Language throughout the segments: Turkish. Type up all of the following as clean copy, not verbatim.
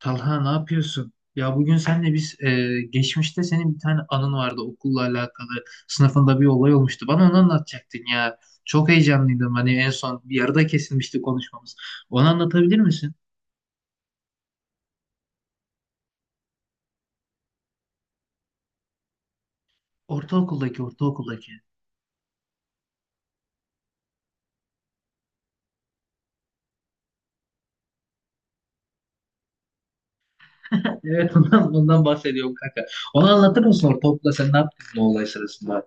Talha, ne yapıyorsun? Ya bugün senle biz geçmişte senin bir tane anın vardı okulla alakalı. Sınıfında bir olay olmuştu. Bana onu anlatacaktın ya. Çok heyecanlıydım. Hani en son bir yarıda kesilmişti konuşmamız. Onu anlatabilir misin? Ortaokuldaki, ortaokuldaki. Evet, ondan, ondan bahsediyorum kanka. Onu anlatır mısın, ortaokulda sen ne yaptın bu olay sırasında?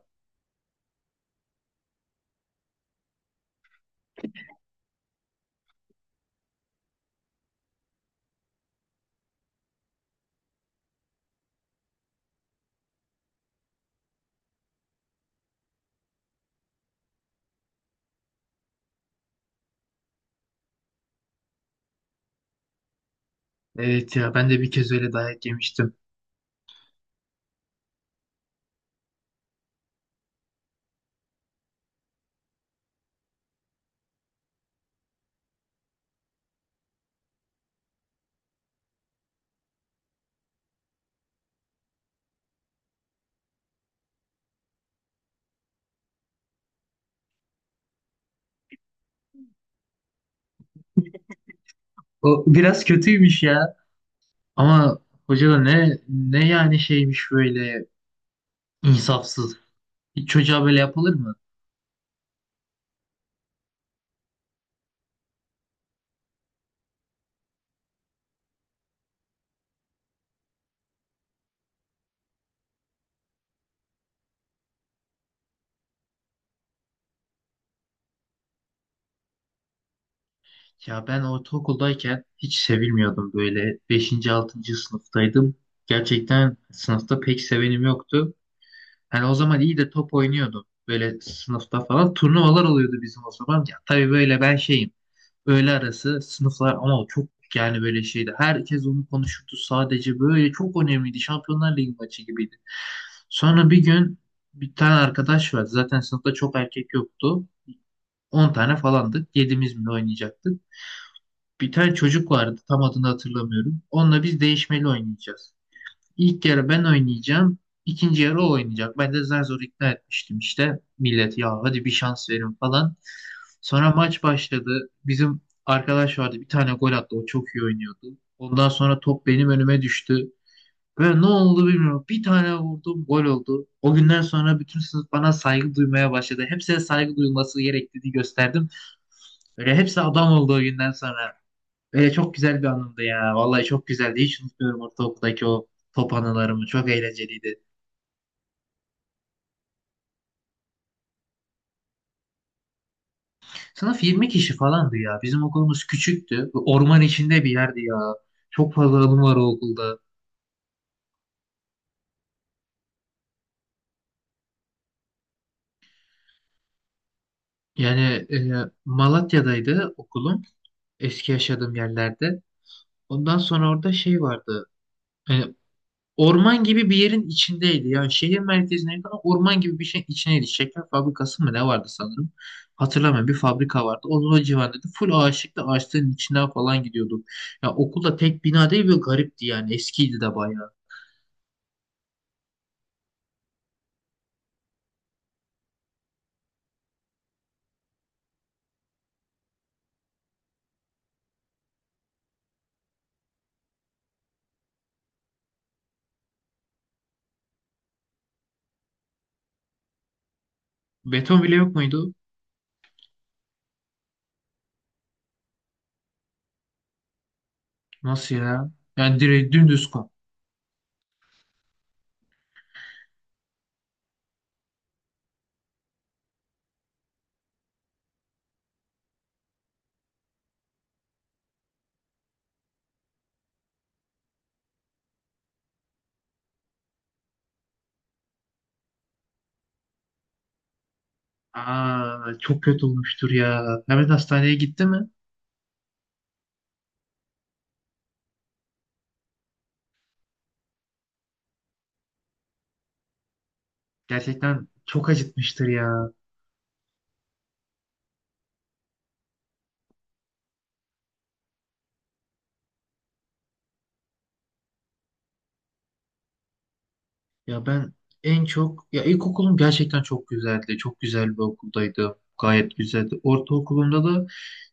Evet ya, ben de bir kez öyle dayak yemiştim. O biraz kötüymüş ya. Ama hoca da ne yani şeymiş böyle, insafsız. Hiç çocuğa böyle yapılır mı? Ya ben ortaokuldayken hiç sevilmiyordum böyle. 5. 6. sınıftaydım. Gerçekten sınıfta pek sevenim yoktu. Hani o zaman iyi de top oynuyordum. Böyle sınıfta falan turnuvalar oluyordu bizim o zaman. Ya tabii böyle ben şeyim. Öğle arası sınıflar ama çok, yani böyle şeydi. Herkes onu konuşurdu sadece, böyle çok önemliydi. Şampiyonlar Ligi maçı gibiydi. Sonra bir gün bir tane arkadaş vardı. Zaten sınıfta çok erkek yoktu. 10 tane falandık. Yedimiz mi ne oynayacaktık? Bir tane çocuk vardı. Tam adını hatırlamıyorum. Onunla biz değişmeli oynayacağız. İlk yarı ben oynayacağım, ikinci yarı o oynayacak. Ben de zar zor ikna etmiştim işte. Millet, ya hadi bir şans verin falan. Sonra maç başladı. Bizim arkadaş vardı, bir tane gol attı. O çok iyi oynuyordu. Ondan sonra top benim önüme düştü. Ve ne oldu bilmiyorum, bir tane vurdum, gol oldu. O günden sonra bütün sınıf bana saygı duymaya başladı. Hepsine saygı duyulması gerektiğini gösterdim. Böyle hepsi adam olduğu günden sonra. Böyle çok güzel bir anımdı ya. Vallahi çok güzeldi. Hiç unutmuyorum ortaokuldaki o top anılarımı. Çok eğlenceliydi. Sınıf 20 kişi falandı ya. Bizim okulumuz küçüktü. Orman içinde bir yerdi ya. Çok fazla anım var o okulda. Yani e, Malatya'daydı okulum. Eski yaşadığım yerlerde. Ondan sonra orada şey vardı. E, Orman gibi bir yerin içindeydi. Yani şehir merkezine yakın orman gibi bir şeyin içindeydi. Şeker fabrikası mı ne vardı sanırım. Hatırlamıyorum. Bir fabrika vardı. Onun o civarında da full ağaçlıkta, ağaçların içinden falan gidiyorduk. Ya okulda tek bina değil, böyle garipti yani. Eskiydi de bayağı. Beton bile yok muydu? Nasıl ya? Yani direkt dümdüz kom. Aa, çok kötü olmuştur ya. Mehmet hastaneye gitti mi? Gerçekten çok acıtmıştır ya. Ya ben en çok, ya ilkokulum gerçekten çok güzeldi. Çok güzel bir okuldaydı. Gayet güzeldi. Ortaokulumda da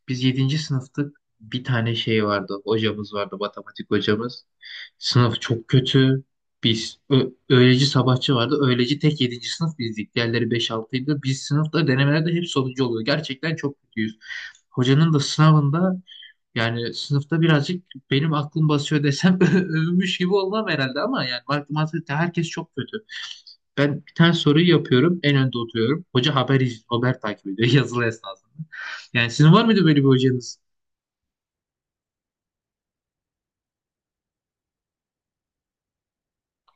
biz 7. sınıftık. Bir tane şey vardı. Hocamız vardı, matematik hocamız. Sınıf çok kötü. Biz öğleci, sabahçı vardı. Öğleci tek 7. sınıf bizdik. Diğerleri beş, altıydı. Biz sınıfta denemelerde hep sonuncu oluyor. Gerçekten çok kötüyüz. Hocanın da sınavında, yani sınıfta birazcık benim aklım basıyor desem övünmüş gibi olmam herhalde ama yani matematikte herkes çok kötü. Ben bir tane soruyu yapıyorum, en önde oturuyorum. Hoca haber haber takip ediyor yazılı esnasında. Yani sizin var mıydı böyle bir hocanız?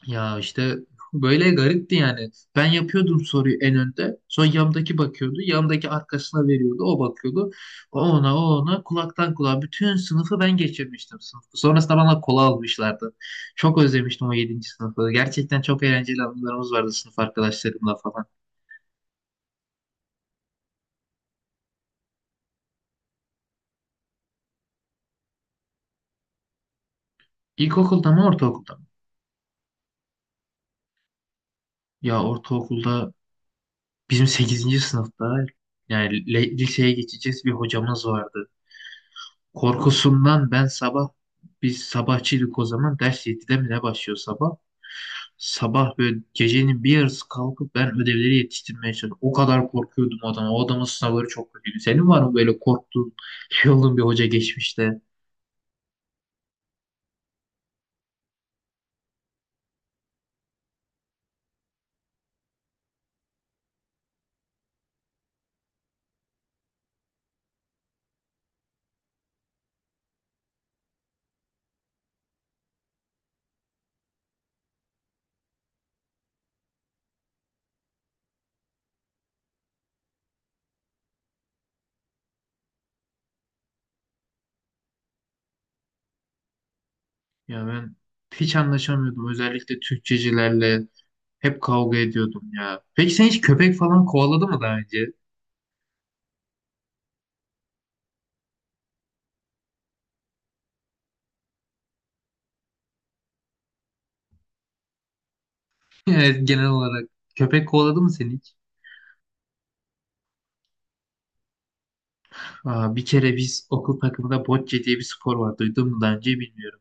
Ya işte böyle garipti yani. Ben yapıyordum soruyu en önde. Sonra yandaki bakıyordu. Yandaki arkasına veriyordu. O bakıyordu. O ona, o ona, kulaktan kulağa bütün sınıfı ben geçirmiştim sınıfı. Sonrasında bana kola almışlardı. Çok özlemiştim o 7. sınıfı. Gerçekten çok eğlenceli anılarımız vardı sınıf arkadaşlarımla falan. İlkokulda mı, ortaokulda mı? Ya ortaokulda bizim 8. sınıfta, yani liseye geçeceğiz, bir hocamız vardı. Korkusundan ben sabah, biz sabahçıydık o zaman, ders 7'de mi ne başlıyor sabah? Sabah böyle gecenin bir yarısı kalkıp ben ödevleri yetiştirmeye çalıştım. O kadar korkuyordum o adama. O adamın sınavları çok kötüydü. Senin var mı böyle korktuğun, şey olduğun bir hoca geçmişte? Ya ben hiç anlaşamıyordum. Özellikle Türkçecilerle hep kavga ediyordum ya. Peki sen hiç köpek falan kovaladı mı daha önce? Evet, genel olarak. Köpek kovaladı mı seni hiç? Aa, bir kere biz okul takımında bocce diye bir spor var. Duydun mu daha önce bilmiyorum.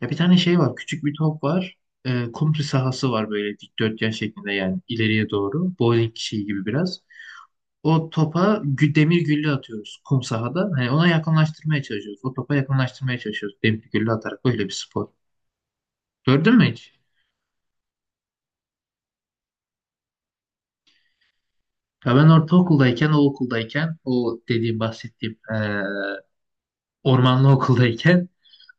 Ya bir tane şey var. Küçük bir top var. Komple sahası var böyle dikdörtgen şeklinde, yani ileriye doğru. Bowling şeyi gibi biraz. O topa demir güllü atıyoruz kum sahada. Hani ona yakınlaştırmaya çalışıyoruz. O topa yakınlaştırmaya çalışıyoruz. Demir güllü atarak böyle bir spor. Gördün mü hiç? Ya ben ortaokuldayken, o okuldayken, o dediğim bahsettiğim ormanlı okuldayken,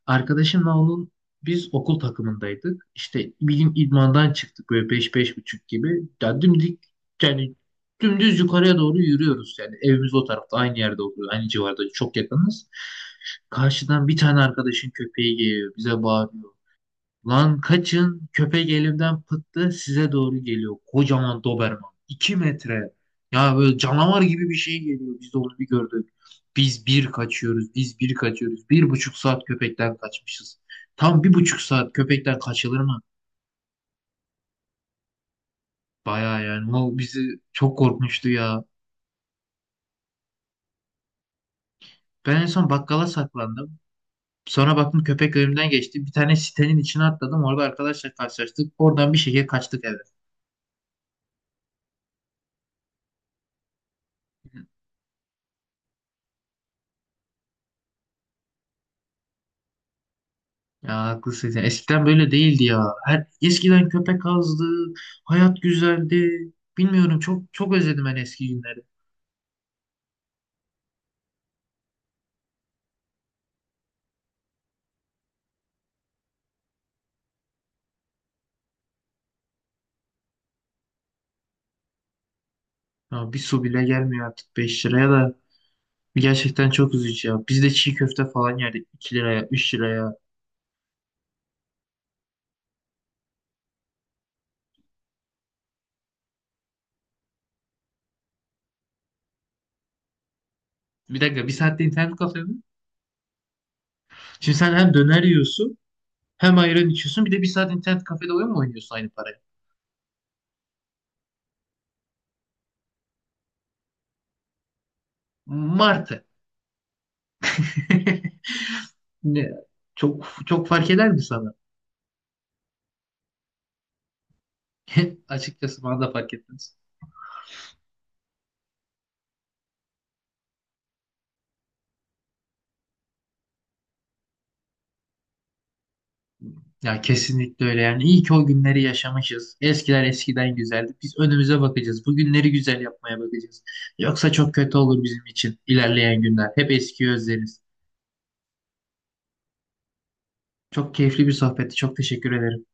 arkadaşımla onun biz okul takımındaydık. İşte bir gün idmandan çıktık böyle beş, beş buçuk gibi. Ya dimdik, yani dümdüz yukarıya doğru yürüyoruz. Yani evimiz o tarafta aynı yerde oluyor. Aynı civarda çok yakınız. Karşıdan bir tane arkadaşın köpeği geliyor. Bize bağırıyor. Lan kaçın, köpek elimden pıttı, size doğru geliyor. Kocaman Doberman, 2 metre. Ya böyle canavar gibi bir şey geliyor. Biz de onu bir gördük. Biz bir kaçıyoruz. 1,5 saat köpekten kaçmışız. Tam 1,5 saat köpekten kaçılır mı? Baya yani o bizi çok korkmuştu ya. Ben en son bakkala saklandım. Sonra baktım köpek önümden geçti. Bir tane sitenin içine atladım. Orada arkadaşlar karşılaştık. Oradan bir şekilde kaçtık eve. Ya haklısın sen. Eskiden böyle değildi ya. Her, eskiden köpek azdı. Hayat güzeldi. Bilmiyorum, çok özledim ben eski günleri. Ya bir su bile gelmiyor artık 5 liraya da. Gerçekten çok üzücü ya. Biz de çiğ köfte falan yerdik 2 liraya, 3 liraya. Bir dakika, 1 saatte internet kafede mi? Şimdi sen hem döner yiyorsun, hem ayran içiyorsun, bir de 1 saat internet kafede oyun mu oynuyorsun aynı parayı? Martı. Ne? Çok fark eder mi sana? Açıkçası bana da fark etmez. Ya kesinlikle öyle yani. İyi ki o günleri yaşamışız. Eskiler eskiden güzeldi. Biz önümüze bakacağız. Bu günleri güzel yapmaya bakacağız. Yoksa çok kötü olur bizim için ilerleyen günler. Hep eskiyi özleriz. Çok keyifli bir sohbetti. Çok teşekkür ederim.